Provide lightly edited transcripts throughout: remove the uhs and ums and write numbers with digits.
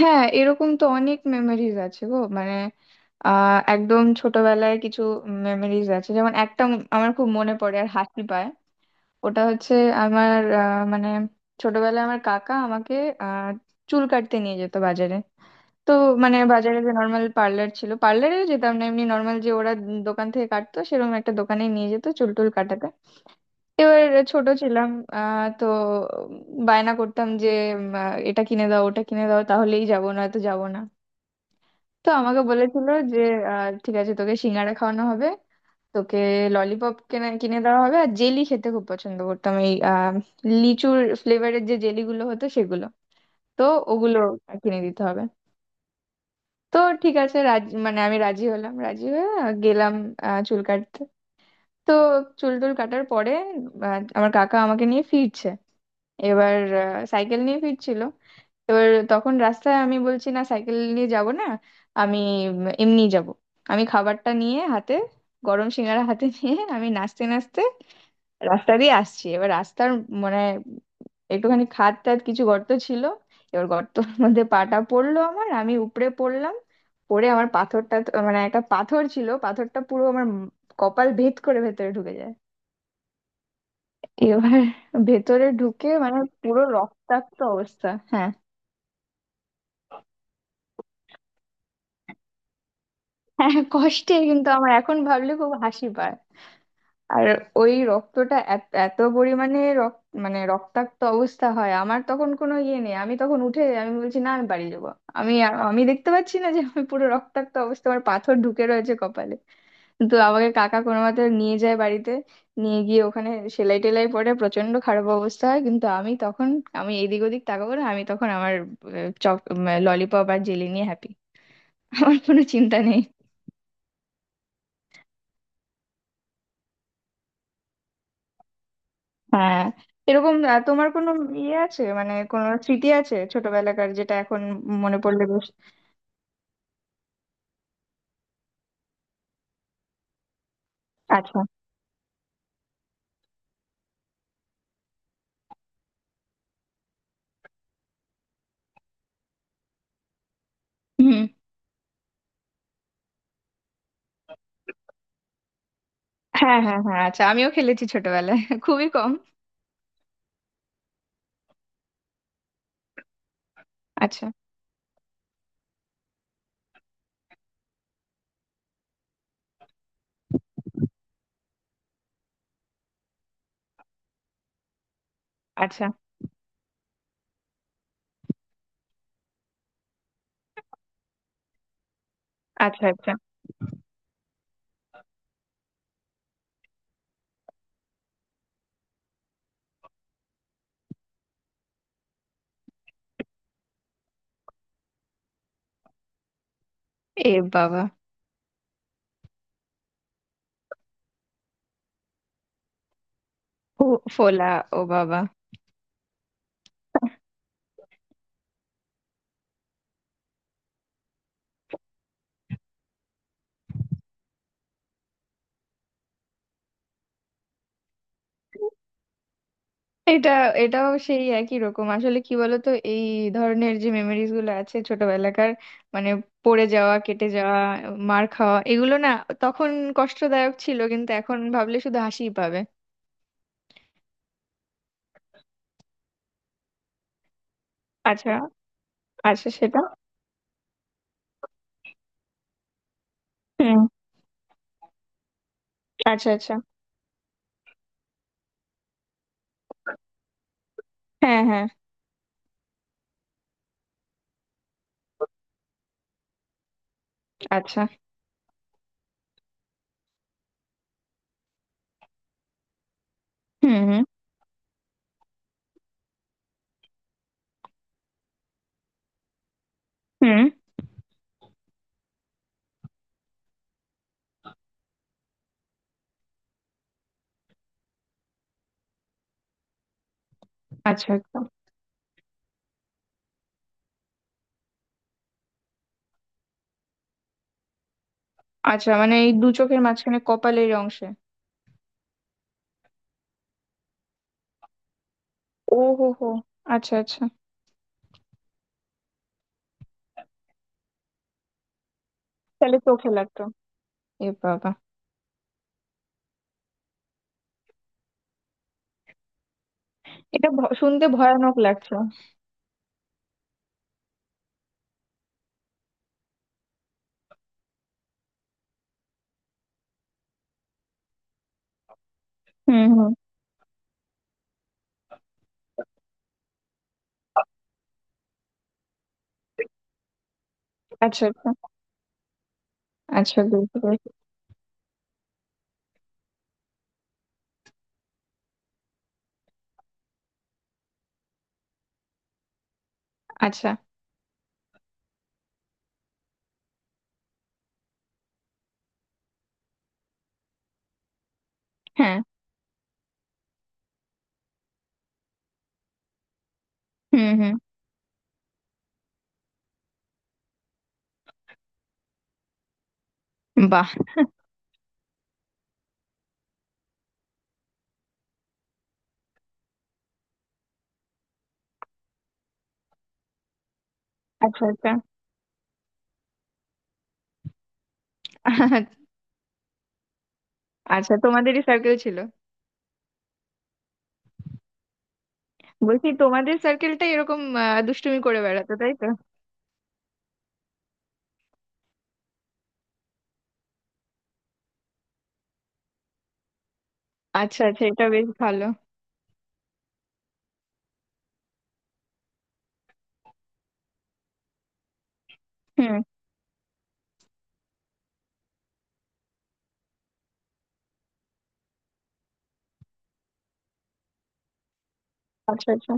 হ্যাঁ, এরকম তো অনেক মেমোরিজ আছে গো। মানে একদম ছোটবেলায় কিছু মেমোরিজ আছে, যেমন একটা আমার খুব মনে পড়ে আর হাসি পায়। ওটা হচ্ছে আমার মানে ছোটবেলায় আমার কাকা আমাকে আহ চুল কাটতে নিয়ে যেত বাজারে। তো মানে বাজারে যে নর্মাল পার্লার ছিল, পার্লারেও যেতাম না, এমনি নর্মাল যে ওরা দোকান থেকে কাটতো, সেরকম একটা দোকানে নিয়ে যেত চুল টুল কাটাতে। এবার ছোট ছিলাম, তো বায়না করতাম যে এটা কিনে দাও, ওটা কিনে দাও, তাহলেই যাবো, না তো যাবো না। তো আমাকে বলেছিল যে ঠিক আছে, তোকে সিঙ্গারা খাওয়ানো হবে, তোকে ললিপপ কিনে কিনে দেওয়া হবে। আর জেলি খেতে খুব পছন্দ করতাম, এই লিচুর ফ্লেভারের যে জেলিগুলো হতো সেগুলো, তো ওগুলো কিনে দিতে হবে। তো ঠিক আছে, রাজি, মানে আমি রাজি হলাম, রাজি হয়ে গেলাম চুল কাটতে। তো চুল টুল কাটার পরে আমার কাকা আমাকে নিয়ে ফিরছে। এবার সাইকেল নিয়ে ফিরছিল। এবার তখন রাস্তায় আমি বলছি, না সাইকেল নিয়ে যাব না, আমি এমনি যাব। আমি খাবারটা নিয়ে হাতে, গরম সিঙ্গারা হাতে নিয়ে আমি নাচতে নাচতে রাস্তা দিয়ে আসছি। এবার রাস্তার মানে একটুখানি খাদ টাদ কিছু গর্ত ছিল। এবার গর্তর মধ্যে পাটা পড়লো আমার, আমি উপরে পড়লাম। পড়ে আমার মানে একটা পাথর ছিল, পাথরটা পুরো আমার কপাল ভেদ করে ভেতরে ঢুকে যায়। এবার ভেতরে ঢুকে মানে পুরো রক্তাক্ত অবস্থা। হ্যাঁ, হ্যাঁ, কষ্টে, কিন্তু আমার এখন ভাবলে খুব হাসি পায়। আর ওই রক্তটা এত এত পরিমাণে রক্ত, মানে রক্তাক্ত অবস্থা হয়, আমার তখন কোনো ইয়ে নেই, আমি তখন উঠে আমি বলছি না আমি বাড়ি যাবো। আমি দেখতে পাচ্ছি না যে আমি পুরো রক্তাক্ত অবস্থা, আমার পাথর ঢুকে রয়েছে কপালে। তো আমাকে কাকা কোনো মতে নিয়ে যায় বাড়িতে, নিয়ে গিয়ে ওখানে সেলাই টেলাই, পরে প্রচন্ড খারাপ অবস্থা হয়, কিন্তু আমি তখন আমি এদিক ওদিক তাকাবো না, আমি তখন আমার চক, ললিপপ আর জেলি নিয়ে হ্যাপি, আমার কোনো চিন্তা নেই। হ্যাঁ, এরকম তোমার কোনো ইয়ে আছে, মানে কোনো স্মৃতি আছে ছোটবেলাকার, যেটা এখন মনে পড়লে বেশ? আচ্ছা। হুম। হ্যাঁ হ্যাঁ হ্যাঁ, আচ্ছা, আমিও খেলেছি ছোটবেলায় খুবই কম। আচ্ছা। আচ্ছা। আচ্ছা। আচ্ছা। এ বাবা। ও, ফোলা, ও বাবা। এটা, এটাও সেই একই রকম। আসলে কি বলতো, এই ধরনের যে মেমোরিজ গুলো আছে ছোটবেলাকার, মানে পড়ে যাওয়া, কেটে যাওয়া, মার খাওয়া, এগুলো না তখন কষ্টদায়ক ছিল কিন্তু এখন ভাবলে শুধু হাসিই পাবে। আচ্ছা। আচ্ছা, সেটা। হুম। আচ্ছা, আচ্ছা। হ্যাঁ, হ্যাঁ। আচ্ছা। হুম হুম হুম। আচ্ছা, আচ্ছা। আচ্ছা, মানে এই দু চোখের মাঝখানে কপালের অংশে। ও হো হো, আচ্ছা আচ্ছা। তাহলে চোখে লাগতো। এ বাবা। শুনতে ভয়ানক লাগছে। হুম, হুম। আচ্ছা, আচ্ছা। আচ্ছা, বুঝতে পেরেছি। আচ্ছা। হ্যাঁ। হুম হুম। বাহ। আচ্ছা আচ্ছা। আচ্ছা তোমাদেরই সার্কেল ছিল? বলছি তোমাদের সার্কেলটাই এরকম দুষ্টুমি করে বেড়াতো, তাই তো? আচ্ছা আচ্ছা, এটা বেশ ভালো। হুম। আচ্ছা আচ্ছা।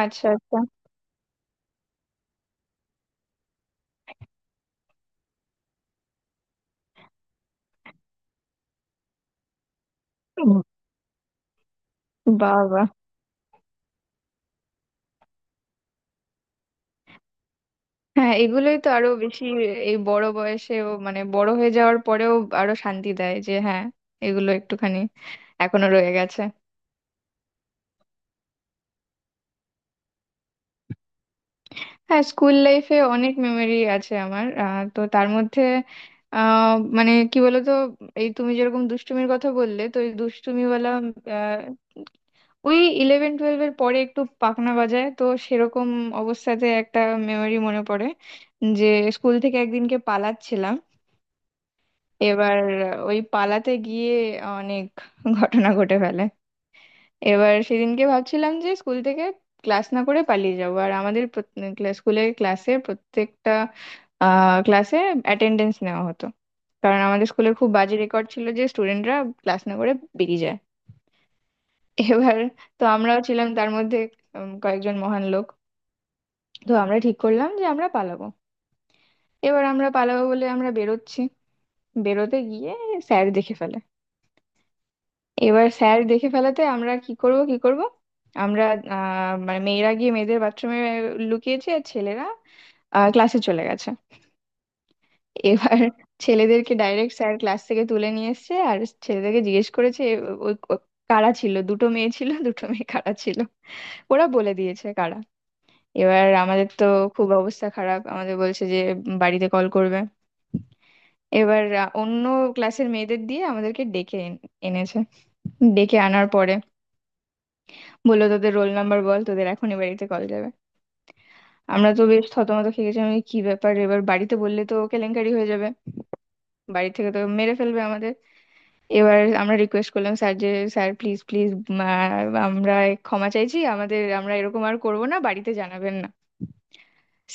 আচ্ছা আচ্ছা। হুম। বাবা। হ্যাঁ, এগুলোই তো আরো বেশি এই বড় বয়সেও, মানে বড় হয়ে যাওয়ার পরেও আরো শান্তি দেয় যে হ্যাঁ, এগুলো একটুখানি এখনো রয়ে গেছে। হ্যাঁ, স্কুল লাইফে অনেক মেমোরি আছে আমার। তো তার মধ্যে মানে কি বলতো, এই তুমি যেরকম দুষ্টুমির কথা বললে, তো এই দুষ্টুমিওয়ালা আহ, ওই ইলেভেন টুয়েলভ এর পরে একটু পাখনা বাজায়, তো সেরকম অবস্থাতে একটা মেমোরি মনে পড়ে যে স্কুল থেকে একদিনকে পালাচ্ছিলাম। এবার ওই পালাতে গিয়ে অনেক ঘটনা ঘটে ফেলে। এবার সেদিনকে ভাবছিলাম যে স্কুল থেকে ক্লাস না করে পালিয়ে যাবো। আর আমাদের স্কুলের ক্লাসে প্রত্যেকটা ক্লাসে অ্যাটেন্ডেন্স নেওয়া হতো, কারণ আমাদের স্কুলের খুব বাজে রেকর্ড ছিল যে স্টুডেন্টরা ক্লাস না করে বেরিয়ে যায়। এবার তো আমরাও ছিলাম তার মধ্যে কয়েকজন মহান লোক। তো আমরা ঠিক করলাম যে আমরা পালাবো। এবার আমরা পালাবো বলে আমরা বেরোচ্ছি, বেরোতে গিয়ে স্যার দেখে ফেলে। এবার স্যার দেখে ফেলাতে আমরা কি করব কি করব, আমরা মানে মেয়েরা গিয়ে মেয়েদের বাথরুমে লুকিয়েছে, আর ছেলেরা ক্লাসে চলে গেছে। এবার ছেলেদেরকে ডাইরেক্ট স্যার ক্লাস থেকে তুলে নিয়ে এসেছে আর ছেলেদেরকে জিজ্ঞেস করেছে "এ, ওই ক- কারা ছিল, দুটো মেয়ে ছিল দুটো মেয়ে কারা ছিল?" ওরা বলে দিয়েছে কারা। এবার আমাদের তো খুব অবস্থা খারাপ, আমাদের বলছে যে বাড়িতে কল করবে। এবার অন্য ক্লাসের মেয়েদের দিয়ে আমাদেরকে ডেকে এনেছে। ডেকে আনার পরে বললো, তোদের রোল নাম্বার বল, তোদের এখনই বাড়িতে কল যাবে। আমরা তো বেশ থতমত খেয়ে গেছি, আমি কি ব্যাপার, এবার বাড়িতে বললে তো কেলেঙ্কারি হয়ে যাবে, বাড়ি থেকে তো মেরে ফেলবে আমাদের। এবার আমরা রিকোয়েস্ট করলাম স্যার, যে স্যার প্লিজ প্লিজ, আমরা ক্ষমা চাইছি, আমাদের আমরা এরকম আর করব না, বাড়িতে জানাবেন না।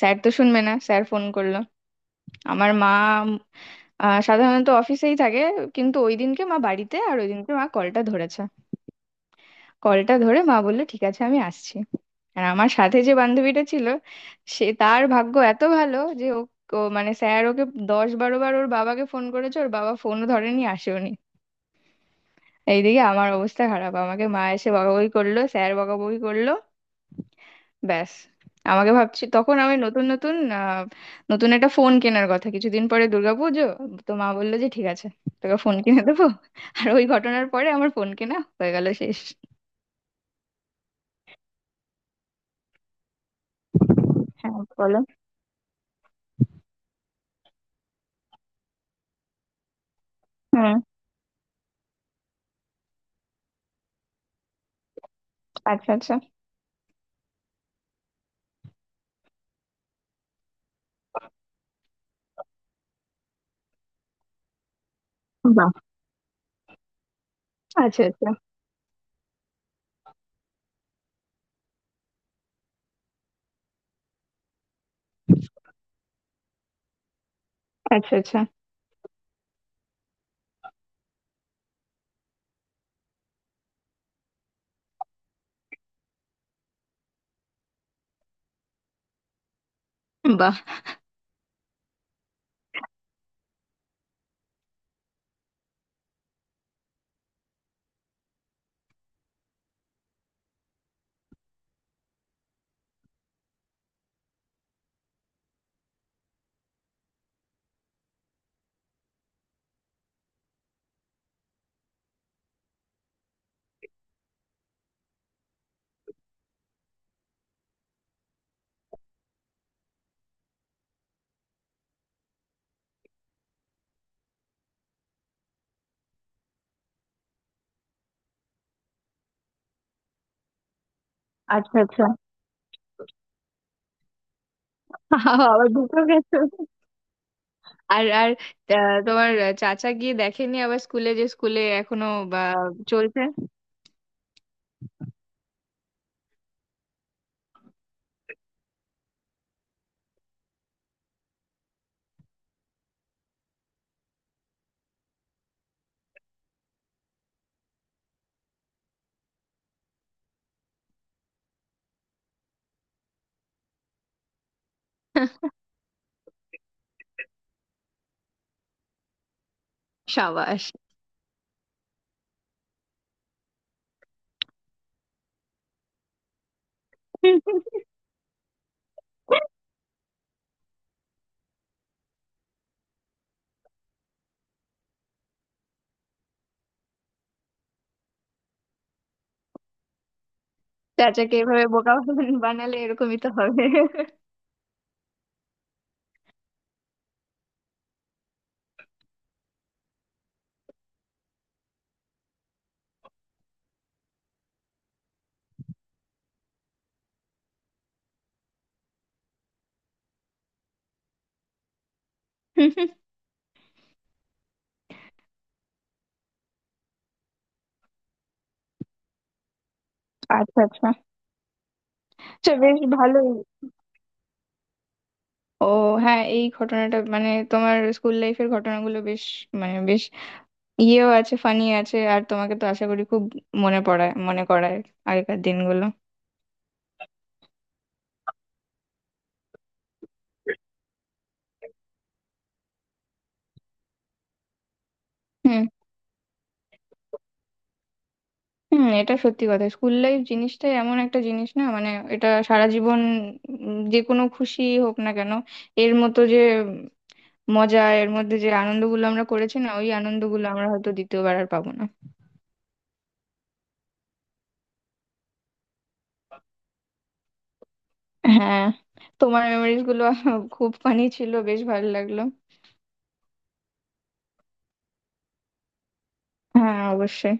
স্যার তো শুনবে না, স্যার ফোন করলো। আমার মা উম, সাধারণত অফিসেই থাকে, কিন্তু ওই দিনকে মা বাড়িতে, আর ওই দিনকে মা কলটা ধরেছে। কলটা ধরে মা বললো, ঠিক আছে আমি আসছি। আর আমার সাথে যে বান্ধবীটা ছিল, সে তার ভাগ্য এত ভালো যে ও, ও মানে স্যার ওকে দশ বারো বার ওর বাবাকে ফোন করেছে, ওর বাবা ফোনও ধরেনি, আসেওনি। এইদিকে আমার অবস্থা খারাপ, আমাকে মা এসে বকাবকি করলো, স্যার বকাবকি করলো, ব্যাস। আমাকে ভাবছি তখন আমি নতুন নতুন নতুন একটা ফোন কেনার কথা, কিছুদিন পরে দুর্গাপুজো, তো মা বললো যে ঠিক আছে, তোকে ফোন কিনে দেবো, আর ওই ঘটনার পরে আমার ফোন কেনা হয়ে গেল, শেষ। হ্যাঁ, বলো। হুম। আচ্ছা আচ্ছা। বাহ! আচ্ছা, আচ্ছা। আচ্ছা, আচ্ছা। বাহ! আচ্ছা, আচ্ছা। আবার দুটো গেছো। আর আর আ, তোমার চাচা গিয়ে দেখেনি আবার স্কুলে, যে স্কুলে এখনো বা চলছে? সাবাস! চাচাকে এভাবে বোকা বানালে এরকমই তো হবে। আচ্ছা, আচ্ছা। আচ্ছা বেশ ভালোই। ও হ্যাঁ, এই ঘটনাটা মানে তোমার স্কুল লাইফের ঘটনাগুলো বেশ, মানে বেশ ইয়েও আছে, ফানি আছে, আর তোমাকে তো আশা করি খুব মনে পড়ায়, মনে করায় আগেকার দিনগুলো। হুম। হুম, এটা সত্যি কথা, স্কুল লাইফ জিনিসটাই এমন একটা জিনিস না, মানে এটা সারা জীবন যে কোনো খুশি হোক না কেন, এর মতো যে উম, মজা, এর মধ্যে যে আনন্দগুলো আমরা করেছি না, ওই আনন্দগুলো আমরা হয়তো দ্বিতীয়বার আর পাবো না। হ্যাঁ। তোমার মেমোরিজ গুলো খুব ফানি ছিল, বেশ ভালো লাগলো। হ্যাঁ অবশ্যই।